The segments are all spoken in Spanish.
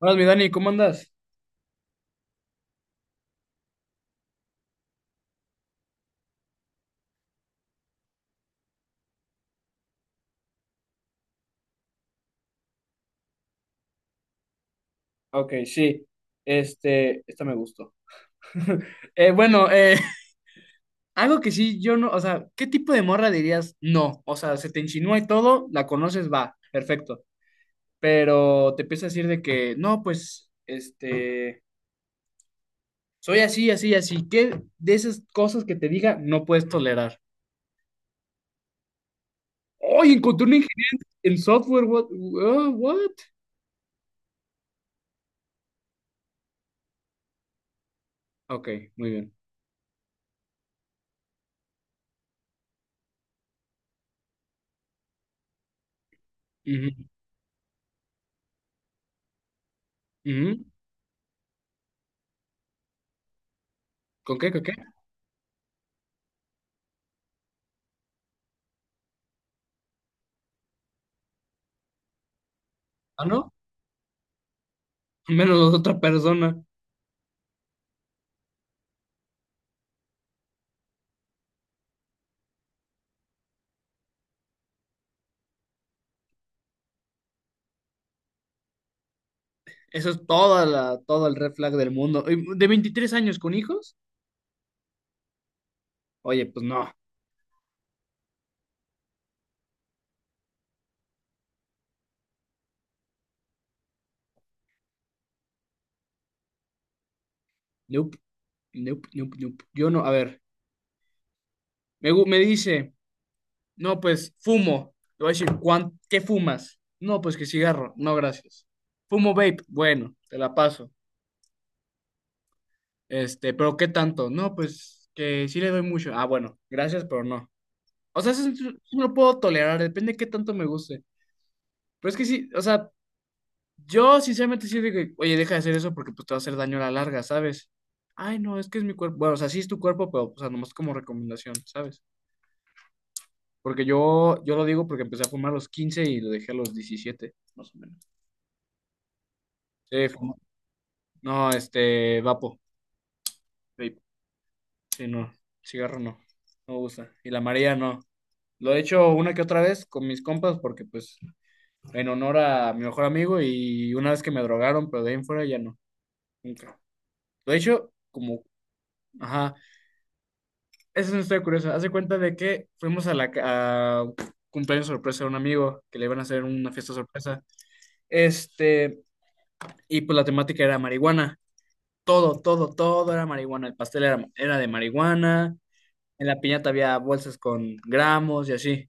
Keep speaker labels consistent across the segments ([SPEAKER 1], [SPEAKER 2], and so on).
[SPEAKER 1] Hola, mi Dani, ¿cómo andas? Ok, sí. Este, esta me gustó. Eh, bueno, eh, algo que sí, yo no, o sea, ¿qué tipo de morra dirías? No, o sea, se te insinúa y todo, la conoces, va, perfecto. Pero te empieza a decir de que, no, pues, este, soy así, así, así. ¿Qué de esas cosas que te diga no puedes tolerar? ¡Ay, encontré un ingeniero en software! ¿What? What? Ok, muy bien. Ujú, ujú. ¿Con qué, con qué? ¿Ah, no? Menos otra persona. Eso es toda la, todo el red flag del mundo. ¿Y de 23 años con hijos? Oye, pues no. Nope. Nope, nope, nope. Yo no, a ver. Me dice, no, pues fumo. Le voy a decir, ¿qué fumas? No, pues que cigarro. No, gracias. Fumo vape. Bueno, te la paso. Este, pero ¿qué tanto? No, pues que sí le doy mucho. Ah, bueno, gracias, pero no. O sea, eso, eso lo puedo tolerar, depende de qué tanto me guste. Pero es que sí, o sea, yo sinceramente sí digo, oye, deja de hacer eso porque pues te va a hacer daño a la larga, ¿sabes? Ay, no, es que es mi cuerpo. Bueno, o sea, sí es tu cuerpo, pero, o sea, nomás como recomendación, ¿sabes? Porque yo lo digo porque empecé a fumar a los 15 y lo dejé a los 17 más o menos. Sí, fumo. No, este, vapo. Vape. Sí, no, cigarro no, no me gusta. Y la María no. Lo he hecho una que otra vez con mis compas porque pues en honor a mi mejor amigo y una vez que me drogaron, pero de ahí en fuera ya no, nunca. Lo he hecho como... Ajá. Esa es una historia curiosa. Hace cuenta de que fuimos a a cumpleaños sorpresa de un amigo que le iban a hacer una fiesta sorpresa. Este, y pues la temática era marihuana. Todo, todo, todo era marihuana. El pastel era de marihuana. En la piñata había bolsas con gramos y así.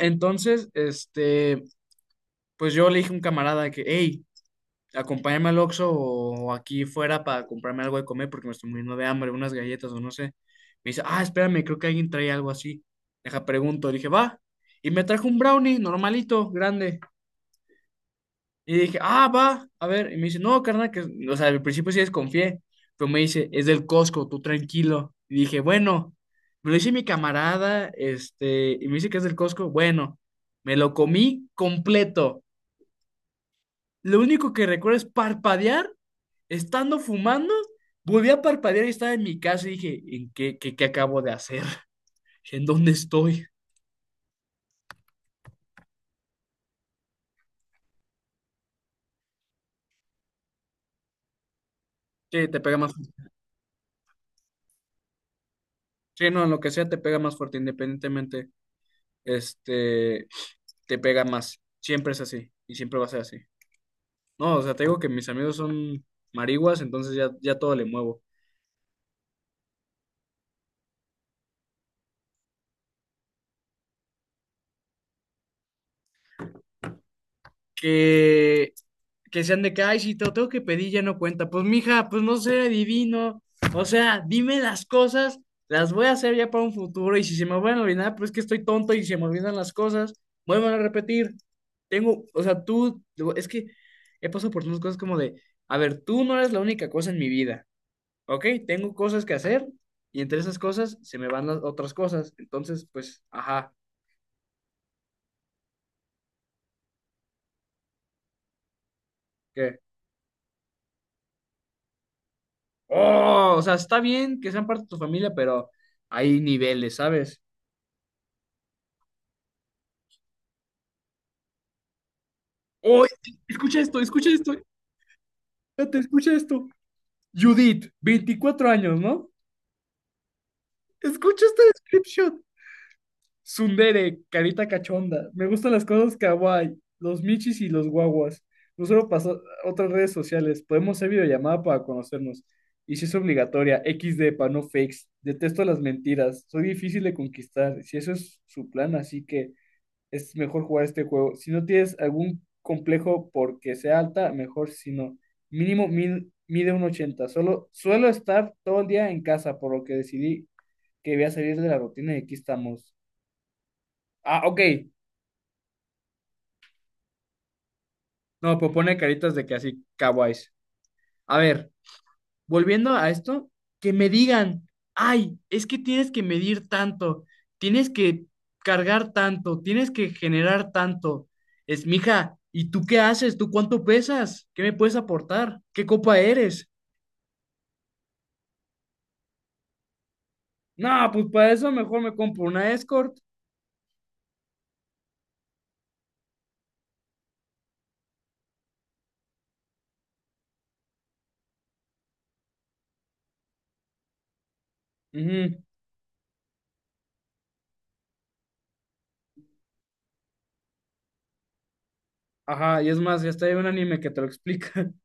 [SPEAKER 1] Entonces, este, pues yo le dije a un camarada que, hey, acompáñame al Oxxo o aquí fuera para comprarme algo de comer porque me estoy muriendo de hambre, unas galletas o no sé. Me dice, ah, espérame, creo que alguien trae algo así. Deja, pregunto. Le dije, va. Y me trajo un brownie normalito, grande. Y dije, ah, va. A ver. Y me dice, no, carnal, que, o sea, al principio sí desconfié. Pero me dice, es del Costco, tú tranquilo. Y dije, bueno. Me lo dice mi camarada, este, y me dice que es del Costco. Bueno, me lo comí completo. Lo único que recuerdo es parpadear estando fumando, volví a parpadear y estaba en mi casa y dije, ¿en qué, qué acabo de hacer? ¿En dónde estoy? Sí, te pega más fuerte. Sí, no, en lo que sea te pega más fuerte, independientemente, este, te pega más. Siempre es así y siempre va a ser así. No, o sea, te digo que mis amigos son marihuas, entonces ya todo le muevo. que, que sean de que, ay, si te lo tengo que pedir, ya no cuenta. Pues, mija, pues no sé, divino. O sea, dime las cosas, las voy a hacer ya para un futuro. Y si se me van a olvidar, pues es que estoy tonto y se me olvidan las cosas, vuelvan a repetir. Tengo, o sea, tú, digo, es que he pasado por unas cosas como de, a ver, tú no eres la única cosa en mi vida, ¿ok? Tengo cosas que hacer y entre esas cosas se me van las otras cosas. Entonces, pues, ajá, ¿qué? Oh, o sea, está bien que sean parte de tu familia, pero hay niveles, ¿sabes? ¡Oh! Escucha esto, escucha esto. Espérate, escucha esto. Judith, 24 años, ¿no? Escucha esta descripción. Tsundere, carita cachonda. Me gustan las cosas kawaii, los michis y los guaguas. No solo pasó otras redes sociales. Podemos hacer videollamada para conocernos. Y si es obligatoria, equis de para no fakes. Detesto las mentiras. Soy difícil de conquistar. Si eso es su plan, así que es mejor jugar este juego. Si no tienes algún complejo porque sea alta, mejor si no. Mínimo mide 1.80. Solo, suelo estar todo el día en casa, por lo que decidí que voy a salir de la rutina y aquí estamos. Ah, ok. No, pues pone caritas de que así, kawaiis. A ver, volviendo a esto, que me digan, ay, es que tienes que medir tanto, tienes que cargar tanto, tienes que generar tanto. Es, mija, ¿y tú qué haces? ¿Tú cuánto pesas? ¿Qué me puedes aportar? ¿Qué copa eres? No, pues para eso mejor me compro una escort. Ujú. Ajá, y es más, ya está hay un anime que te lo explica.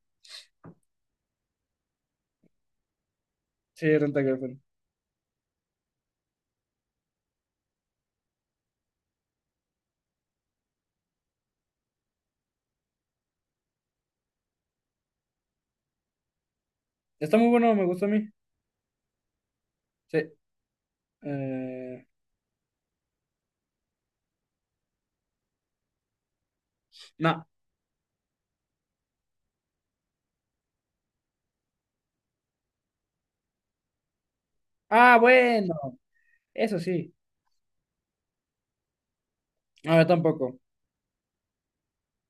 [SPEAKER 1] Sí, Renta Girlfriend. Está muy bueno, me gusta a mí. Sí. Eh, no. Ah, bueno, eso sí. No, yo tampoco.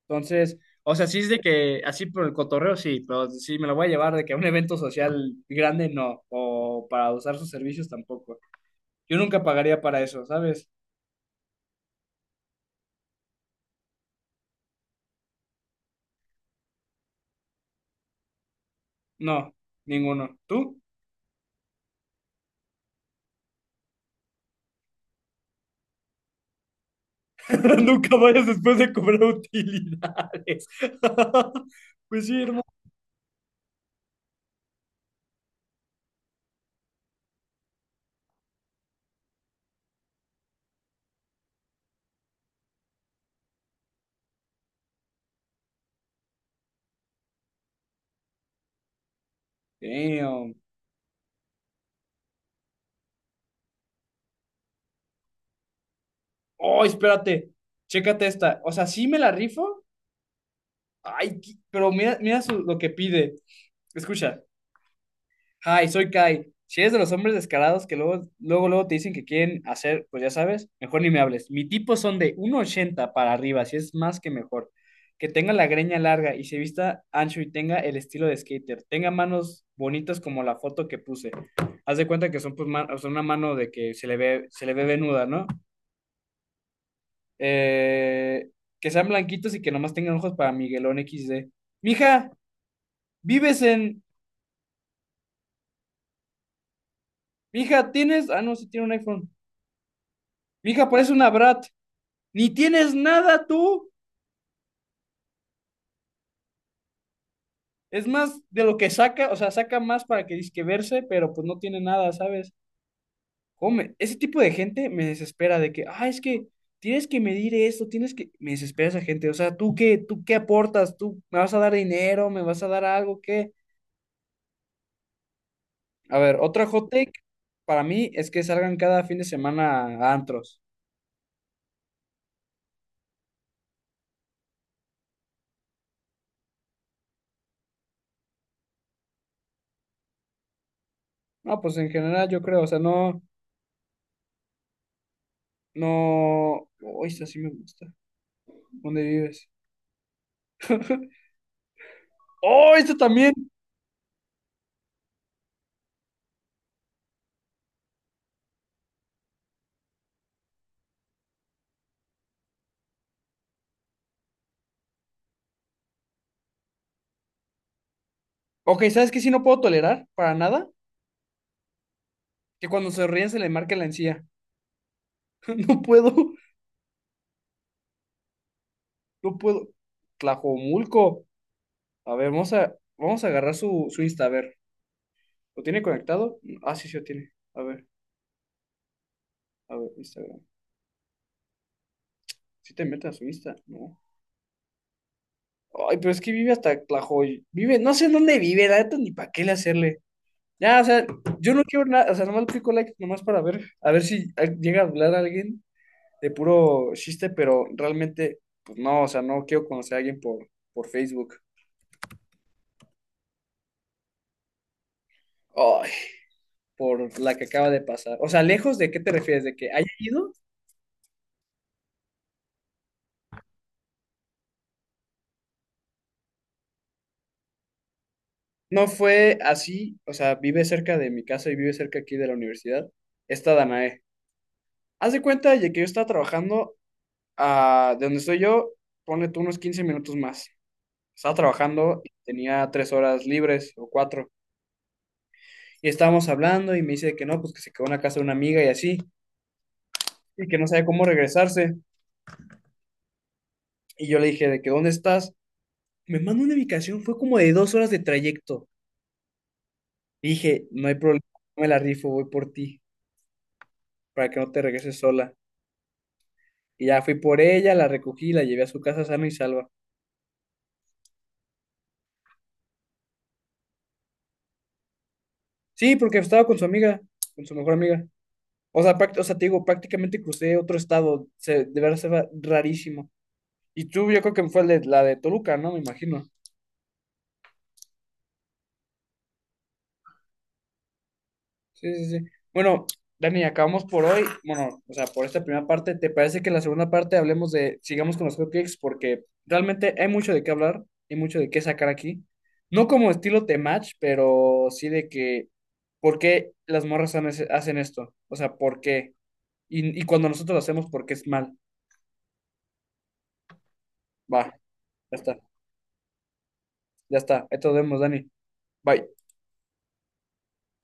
[SPEAKER 1] Entonces, o sea, sí es de que así por el cotorreo, sí, pero si me lo voy a llevar de que a un evento social grande, no, o para usar sus servicios tampoco. Yo nunca pagaría para eso, ¿sabes? No, ninguno. ¿Tú? Nunca vayas después de cobrar utilidades. Pues sí, hermano. Damn. Oh, espérate, chécate esta. O sea, sí me la rifo. Ay, pero mira, lo que pide. Escucha. Hi, soy Kai. Si eres de los hombres descarados que luego, luego, luego te dicen que quieren hacer, pues ya sabes, mejor ni me hables. Mi tipo son de 1.80 para arriba, si es más que mejor. Que tenga la greña larga y se vista ancho y tenga el estilo de skater. Tenga manos bonitas como la foto que puse. Haz de cuenta que son, pues, son una mano de que se le ve venuda, ¿no? Eh, que sean blanquitos y que nomás tengan ojos para Miguelón equis de. Mija, vives en... Mija, tienes... Ah, no, sí tiene un iPhone. Mija, pareces una brat. Ni tienes nada tú. Es más de lo que saca, o sea, saca más para que disque verse, pero pues no tiene nada, ¿sabes? Come, ese tipo de gente me desespera de que, ah, es que tienes que medir esto, tienes que. Me desespera esa gente. O sea, ¿tú qué aportas? ¿Tú me vas a dar dinero? ¿Me vas a dar algo? ¿Qué? A ver, otra hot take para mí es que salgan cada fin de semana a antros. No, pues en general yo creo, o sea, no. Oh, esta sí me gusta. ¿Dónde vives? Oh, esto también. Ok, ¿sabes qué? Si no puedo tolerar para nada, que cuando se ríen se le marque la encía. No puedo, no puedo. Tlajomulco. A ver, vamos a agarrar su Insta. A ver, ¿lo tiene conectado? Ah, sí, sí lo tiene. A ver, Instagram. ¿Si te metes a su Insta? No. Ay, pero es que vive hasta Tlajoy. Vive, no sé en dónde vive, la neta, ni para qué le hacerle. Ya, o sea, yo no quiero nada, o sea, nomás le pico like, nomás para ver, a ver si ah, llega a hablar alguien. De puro chiste, pero realmente, pues no, o sea, no quiero conocer a alguien por Facebook. Ay, por la que acaba de pasar. O sea, lejos de qué te refieres, de que haya ido. No fue así, o sea, vive cerca de mi casa y vive cerca aquí de la universidad. Esta Danae. Haz de cuenta de que yo estaba trabajando ah, de donde estoy yo, ponle tú unos 15 minutos más. Estaba trabajando y tenía 3 horas libres o cuatro. Y estábamos hablando y me dice que no, pues que se quedó en la casa de una amiga y así, y que no sabía cómo regresarse. Y yo le dije, ¿de que dónde estás? Me mandó una ubicación, fue como de 2 horas de trayecto. Y dije, no hay problema, me la rifo, voy por ti, para que no te regreses sola. Y ya fui por ella, la recogí, la llevé a su casa sana y salva. Sí, porque estaba con su amiga, con su mejor amiga. O sea, práct- o sea, te digo, prácticamente crucé otro estado, se, de verdad se va rarísimo. Y tú, yo creo que fue el la de Toluca, ¿no? Me imagino. Sí, sí, sí. Bueno, Dani, acabamos por hoy. Bueno, o sea, por esta primera parte, ¿te parece que en la segunda parte hablemos de, sigamos con los hotcakes? Porque realmente hay mucho de qué hablar y mucho de qué sacar aquí. No como estilo de match, pero sí de que, ¿por qué las morras hacen esto? O sea, ¿por qué? Y cuando nosotros lo hacemos, ¿por qué es mal? Va, ya está, ya está. Ahí te vemos, Dani. Bye.